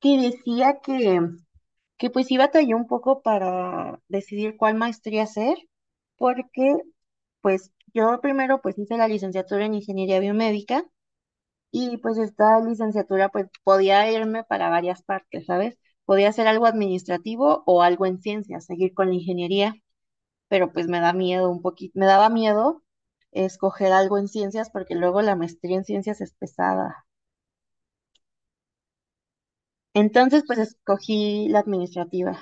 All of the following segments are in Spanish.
Que decía que pues sí batalló un poco para decidir cuál maestría hacer, porque pues yo primero pues hice la licenciatura en ingeniería biomédica y pues esta licenciatura pues podía irme para varias partes, ¿sabes? Podía hacer algo administrativo o algo en ciencias, seguir con la ingeniería, pero pues me da miedo un poquito, me daba miedo escoger algo en ciencias porque luego la maestría en ciencias es pesada. Entonces pues escogí la administrativa.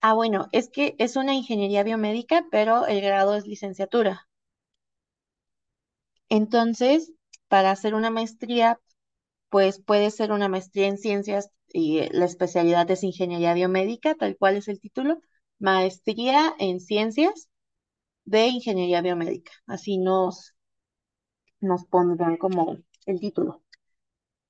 Ah, bueno, es que es una ingeniería biomédica, pero el grado es licenciatura. Entonces, para hacer una maestría, pues puede ser una maestría en ciencias y la especialidad es ingeniería biomédica, tal cual es el título, maestría en ciencias de ingeniería biomédica. Así nos, nos pondrán como el título.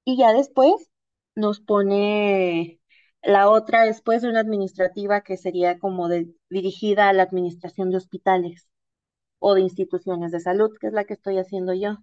Y ya después nos pone la otra, después de una administrativa que sería como dirigida a la administración de hospitales o de instituciones de salud, que es la que estoy haciendo yo.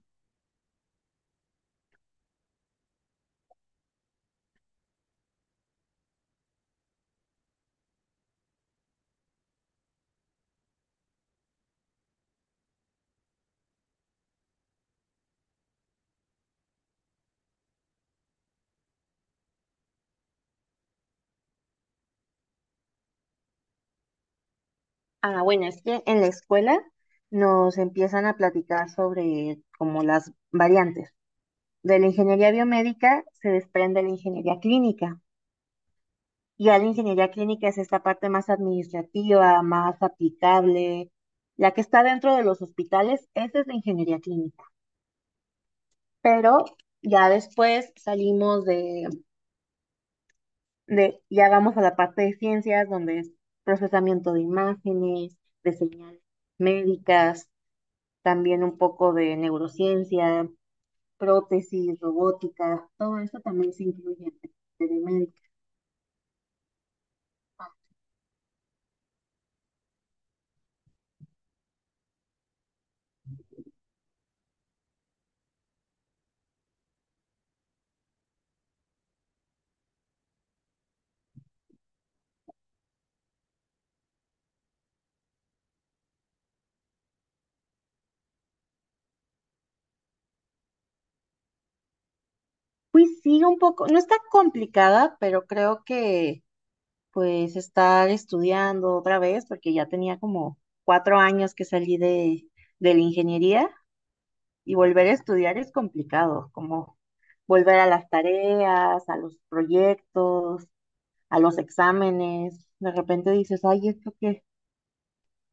Ah, bueno, es que en la escuela nos empiezan a platicar sobre como las variantes. De la ingeniería biomédica se desprende la ingeniería clínica. Y ya la ingeniería clínica es esta parte más administrativa, más aplicable, la que está dentro de los hospitales, esa es la ingeniería clínica. Pero ya después salimos de, ya vamos a la parte de ciencias, donde es procesamiento de imágenes, de señales médicas, también un poco de neurociencia, prótesis, robótica, todo eso también se incluye en telemédica. Pues sí, un poco, no está complicada, pero creo que pues estar estudiando otra vez, porque ya tenía como 4 años que salí de la ingeniería. Y volver a estudiar es complicado, como volver a las tareas, a los proyectos, a los exámenes. De repente dices, ay, ¿esto qué?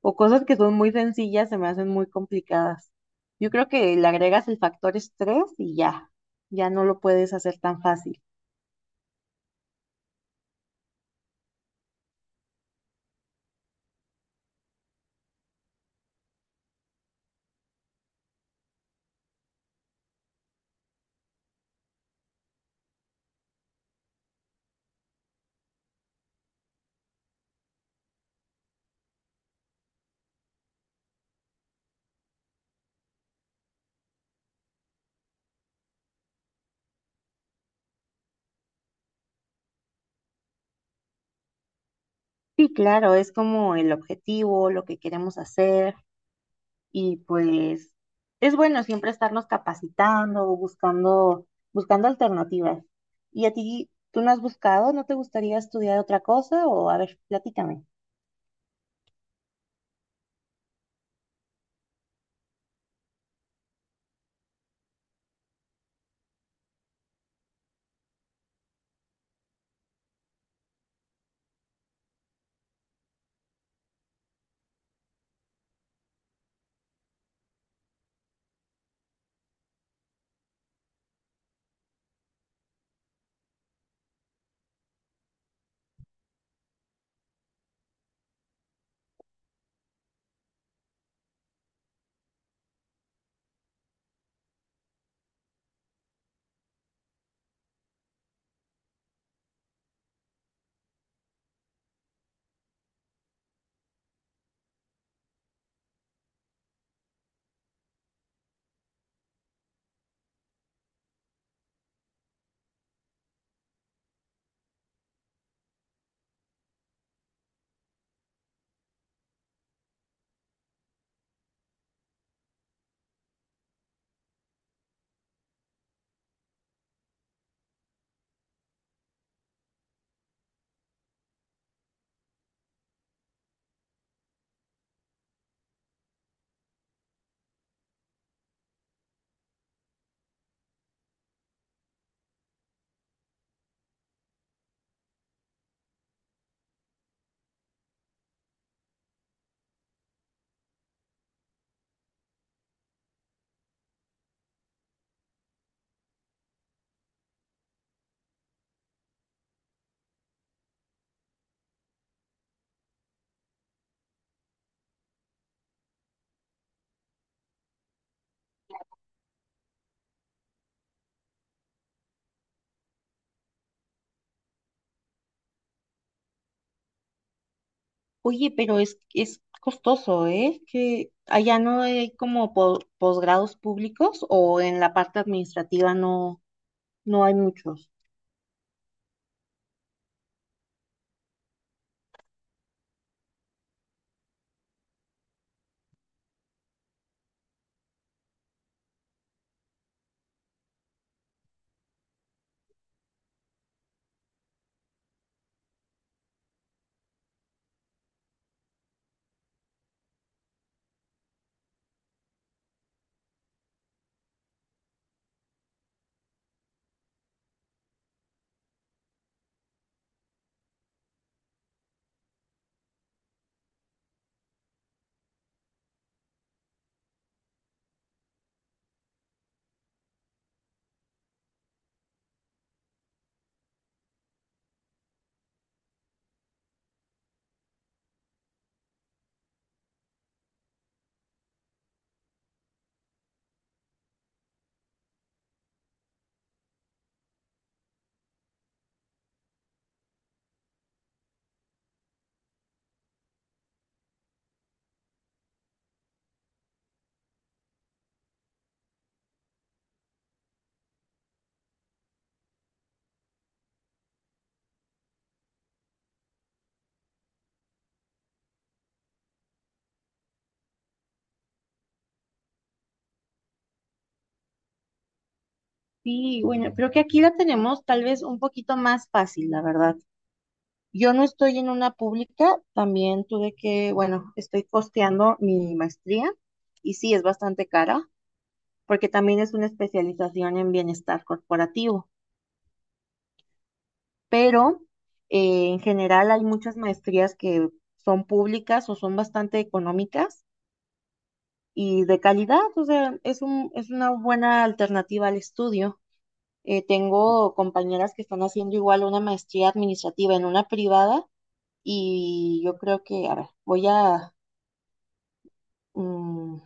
O cosas que son muy sencillas se me hacen muy complicadas. Yo creo que le agregas el factor estrés y ya, ya no lo puedes hacer tan fácil. Sí, claro, es como el objetivo, lo que queremos hacer. Y pues es bueno siempre estarnos capacitando, buscando, buscando alternativas. ¿Y a ti, tú no has buscado? ¿No te gustaría estudiar otra cosa? O a ver, platícame. Oye, pero es costoso, ¿eh? Que allá no hay como posgrados públicos o en la parte administrativa no, no hay muchos. Sí, bueno, creo que aquí la tenemos tal vez un poquito más fácil, la verdad. Yo no estoy en una pública, también tuve que, bueno, estoy costeando mi maestría y sí, es bastante cara porque también es una especialización en bienestar corporativo, pero en general hay muchas maestrías que son públicas o son bastante económicas y de calidad, o sea, es una buena alternativa al estudio. Tengo compañeras que están haciendo igual una maestría administrativa en una privada y yo creo que, a ver, voy a mm,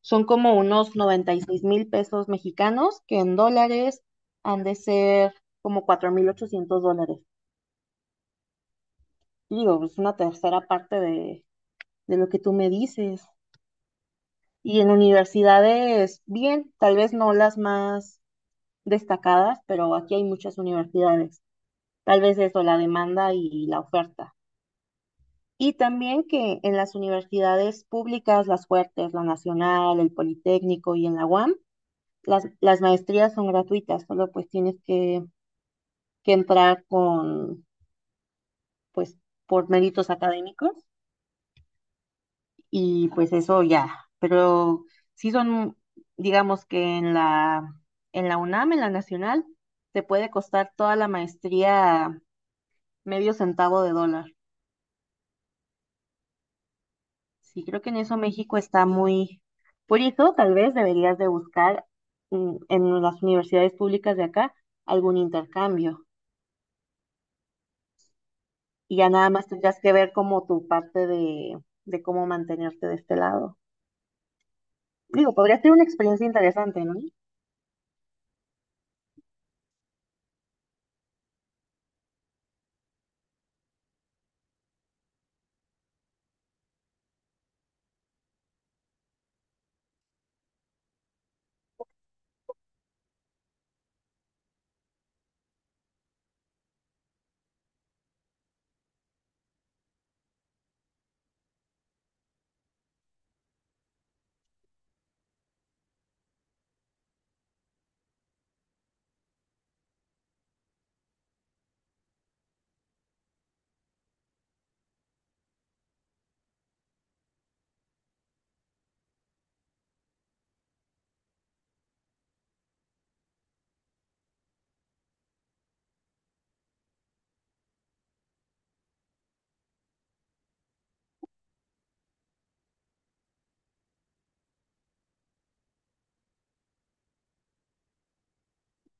son como unos 96,000 pesos mexicanos, que en dólares han de ser como 4,800 dólares. Y digo, es una tercera parte de lo que tú me dices. Y en universidades, bien, tal vez no las más destacadas, pero aquí hay muchas universidades. Tal vez eso, la demanda y la oferta. Y también que en las universidades públicas, las fuertes, la Nacional, el Politécnico y en la UAM, las maestrías son gratuitas, solo pues tienes que entrar con, pues, por méritos académicos y pues eso ya. Pero sí son, digamos que en la UNAM, en la Nacional, te puede costar toda la maestría medio centavo de dólar. Sí, creo que en eso México está muy... Por eso tal vez deberías de buscar en las universidades públicas de acá algún intercambio. Y ya nada más tendrías que ver como tu parte de cómo mantenerte de este lado. Digo, podría ser una experiencia interesante, ¿no?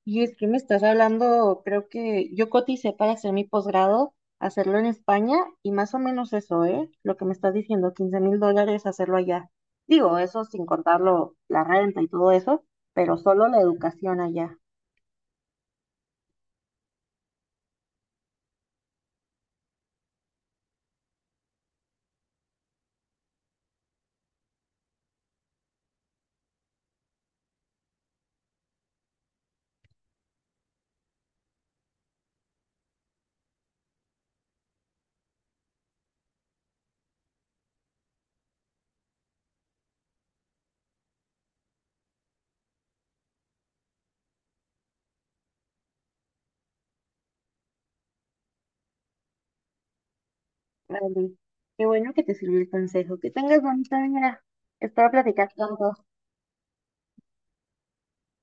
Y es que me estás hablando, creo que yo coticé para hacer mi posgrado, hacerlo en España y más o menos eso, ¿eh? Lo que me estás diciendo, 15,000 dólares hacerlo allá. Digo, eso sin contarlo, la renta y todo eso, pero solo la educación allá. Vale. Qué bueno que te sirvió el consejo. Que tengas bonita mañana. Espero platicar pronto.